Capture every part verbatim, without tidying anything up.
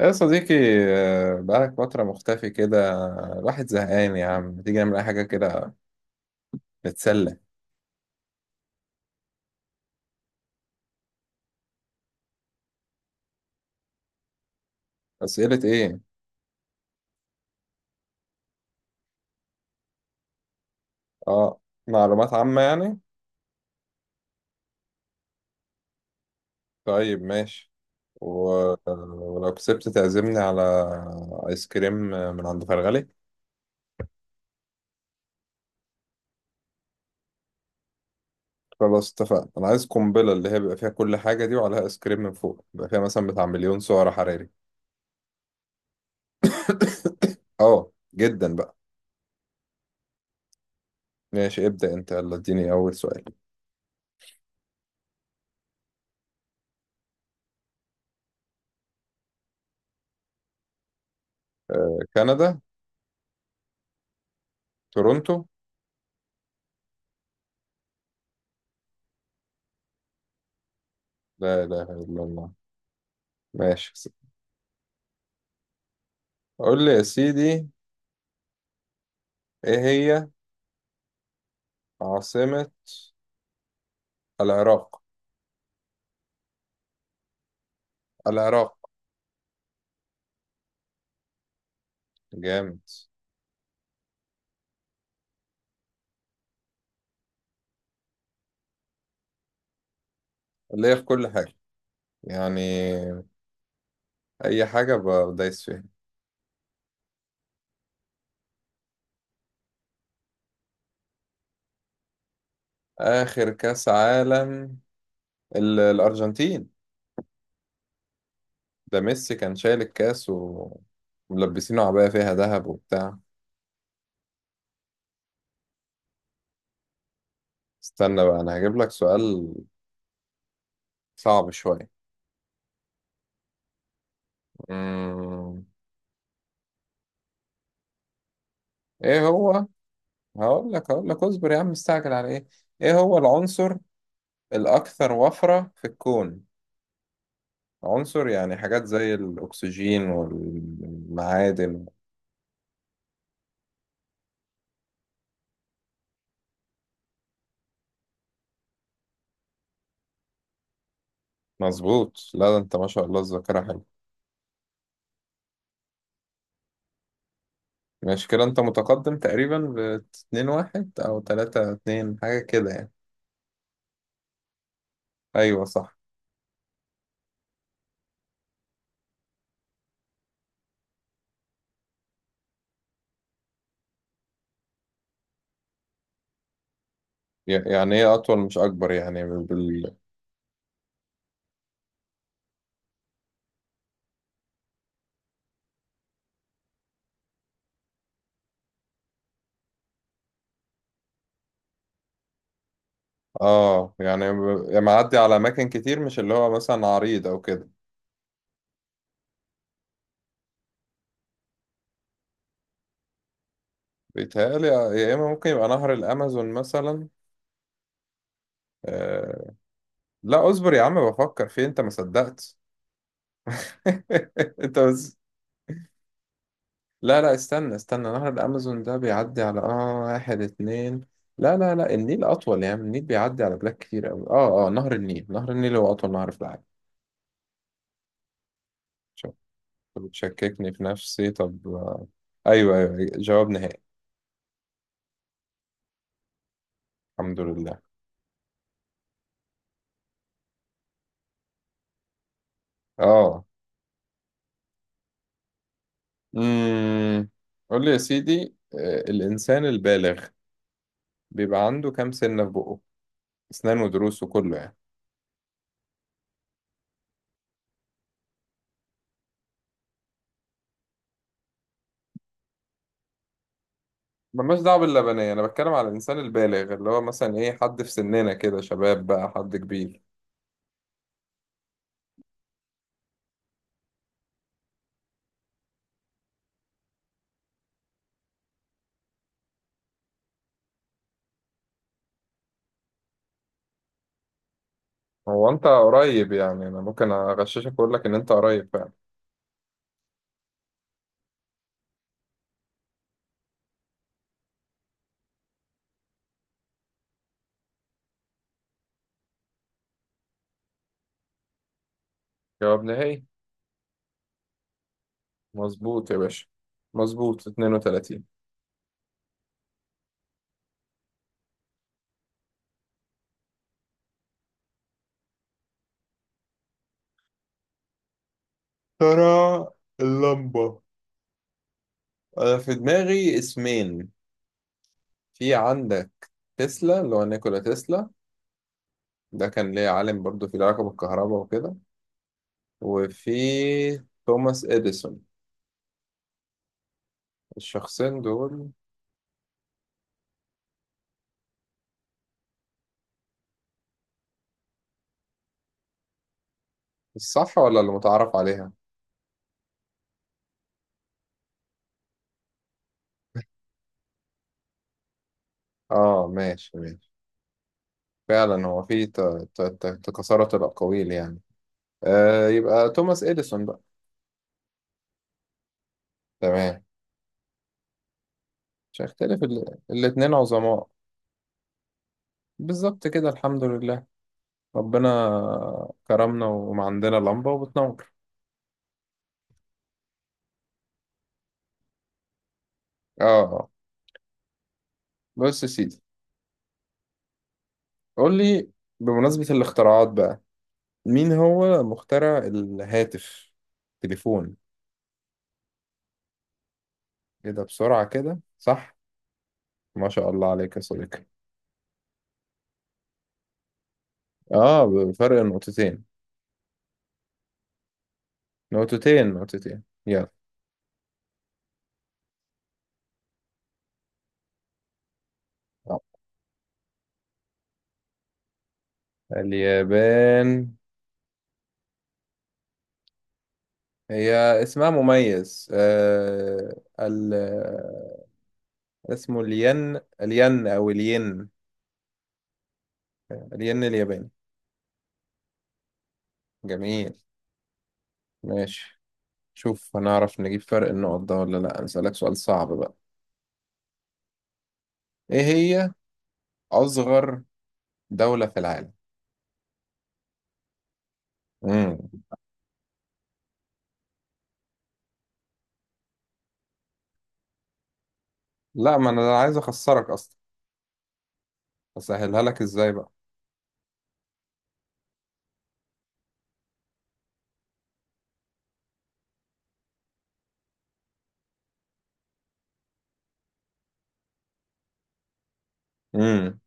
يا صديقي. آه، بقالك فترة مختفي كده. الواحد زهقان يا عم، ما تيجي نعمل أي حاجة كده، نتسلى؟ أسئلة إيه؟ آه. معلومات عامة يعني؟ طيب، ماشي. و... آه، ولو كسبت تعزمني على آيس كريم من عند فرغلي. خلاص، اتفقنا. أنا عايز قنبلة، اللي هي بيبقى فيها كل حاجة دي وعليها آيس كريم من فوق، بيبقى فيها مثلا بتاع مليون سعر حراري. آه، جدا بقى. ماشي، ابدأ أنت، يلا اديني أول سؤال. آه، كندا. تورونتو. لا إله إلا الله. ماشي. قول لي يا سيدي، ايه هي عاصمة العراق؟ العراق. جامد. اللي هي في كل حاجة يعني، اي حاجة ب- بدايس فيها. اخر كاس عالم، ال- الارجنتين. ده ميسي كان شايل الكاس و- وملبسينه عباية فيها ذهب وبتاع. استنى بقى، انا هجيب لك سؤال صعب شوية. أمم، ايه هو؟ هقول لك هقول لك، اصبر يا عم، مستعجل على ايه؟ ايه هو العنصر الاكثر وفرة في الكون؟ عنصر، يعني حاجات زي الأكسجين والمعادن. مظبوط. لا ده أنت ما شاء الله، الذاكرة حلوة. ماشي كده، أنت متقدم تقريبا ب اتنين واحد أو تلاتة اتنين حاجة كده يعني. أيوه صح. ي- يعني إيه أطول مش أكبر، يعني بال... آه يعني ب- يعني معدي على أماكن كتير، مش اللي هو مثلا عريض أو كده. بيتهيألي، يا إما ممكن يبقى نهر الأمازون مثلا. آه... لا، اصبر يا عم بفكر فيه، أنت ما صدقت. أنت... لا لا، استنى استنى، نهر الأمازون ده بيعدي على آه واحد اتنين. لا لا لا، النيل أطول. يعني النيل بيعدي على بلاد كتير أوي. آه آه نهر النيل، نهر النيل هو أطول نهر في العالم. شوف، بتشككني في نفسي. طب آه، أيوه أيوه جواب نهائي. الحمد لله. آه. امم قول لي يا سيدي، آه، الإنسان البالغ بيبقى عنده كام سنة في بقه؟ أسنان ودروس وكله يعني. ملناش دعوة باللبنية، أنا بتكلم على الإنسان البالغ، اللي هو مثلا إيه، حد في سننا كده شباب بقى، حد كبير. هو انت قريب، يعني انا ممكن اغششك واقول لك ان انت قريب فعلا. جواب نهائي. مظبوط يا باشا. مظبوط اتنين وتلاتين. ترى. اللمبة. أنا في دماغي اسمين. في عندك؟ تسلا، اللي هو نيكولا تسلا. ده كان ليه عالم برضو، في العلاقة بالكهرباء وكده. وفي توماس إديسون. الشخصين دول. الصح ولا اللي متعارف عليها؟ آه، ماشي ماشي. فعلا هو في ت- ت- ت- تكاثرت الأقاويل يعني. آه يبقى توماس إديسون. تمام. مش هيختلف ال... الاتنين عظماء. بالظبط كده. الحمد لله. ربنا كرمنا، ومعندنا لمبة وبتنور. اه. بص يا سيدي، قول لي، بمناسبة الاختراعات بقى، مين هو مخترع الهاتف، تليفون؟ كده بسرعة كده، صح؟ ما شاء الله عليك يا صديقي. اه، بفرق نقطتين. نقطتين نقطتين، يلا. آه. اليابان. هي... اسمها مميز، آه ال اسمه الين، الين او الين. الين الياباني. جميل. ماشي. شوف، هنعرف نجيب فرق النقط ده ولا لا؟ هسألك سؤال صعب بقى. ايه هي اصغر دولة في العالم؟ مم. لا، ما انا عايز اخسرك اصلا. اسهلها لك ازاي بقى. امم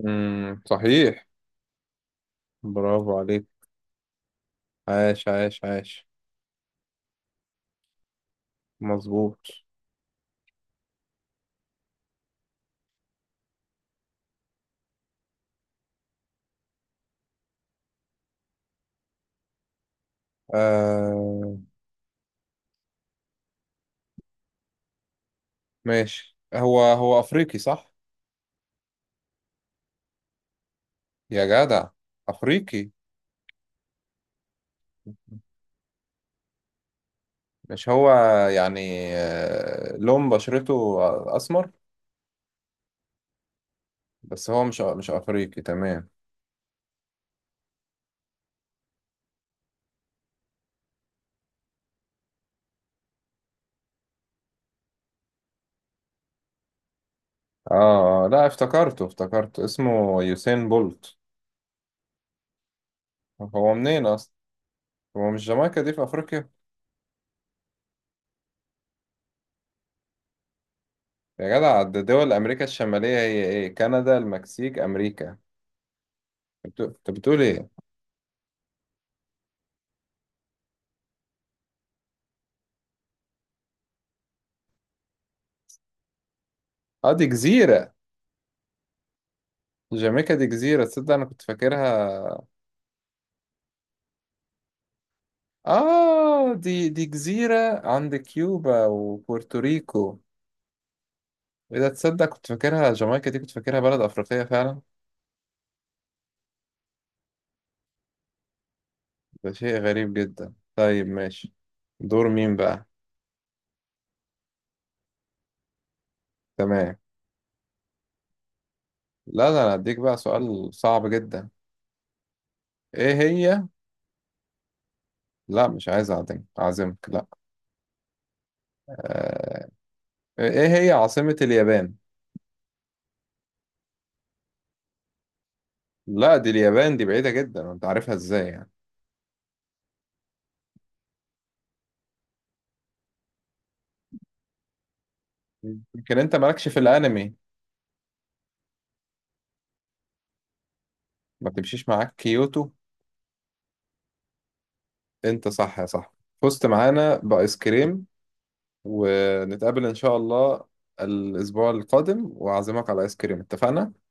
امم صحيح. برافو عليك. عاش عاش عاش. مظبوط. آه، ماشي. هو هو افريقي صح؟ يا جدع، افريقي. مش هو، يعني آه، لون بشرته اسمر، بس هو مش مش افريقي تمام. اه، آه، لا، افتكرته افتكرته اسمه يوسين بولت. هو منين اصلا؟ هو مش جامايكا دي في افريقيا؟ يا جدع، ده دول امريكا الشماليه، هي ايه، كندا، المكسيك، امريكا. انت أنت بتقول ايه؟ اه، دي جزيره. جامايكا دي جزيره، تصدق انا كنت فاكرها. اه، دي دي جزيره عند كيوبا وبورتوريكو. إذا تصدق كنت فاكرها، جامايكا دي كنت فاكرها بلد أفريقية فعلا. ده شيء غريب جدا. طيب ماشي. دور مين بقى؟ تمام. لا، ده أنا هديك بقى سؤال صعب جدا. إيه هي؟ لا، مش عايز أعزمك، أعزمك لا. آه... إيه هي عاصمة اليابان؟ لا، دي اليابان دي بعيدة جدا، أنت عارفها إزاي يعني. يمكن أنت مالكش في الأنمي. ما بتمشيش معاك كيوتو؟ أنت صح يا صاحبي. فزت معانا بآيس كريم. ونتقابل إن شاء الله الأسبوع القادم، وأعزمك على آيس كريم، اتفقنا؟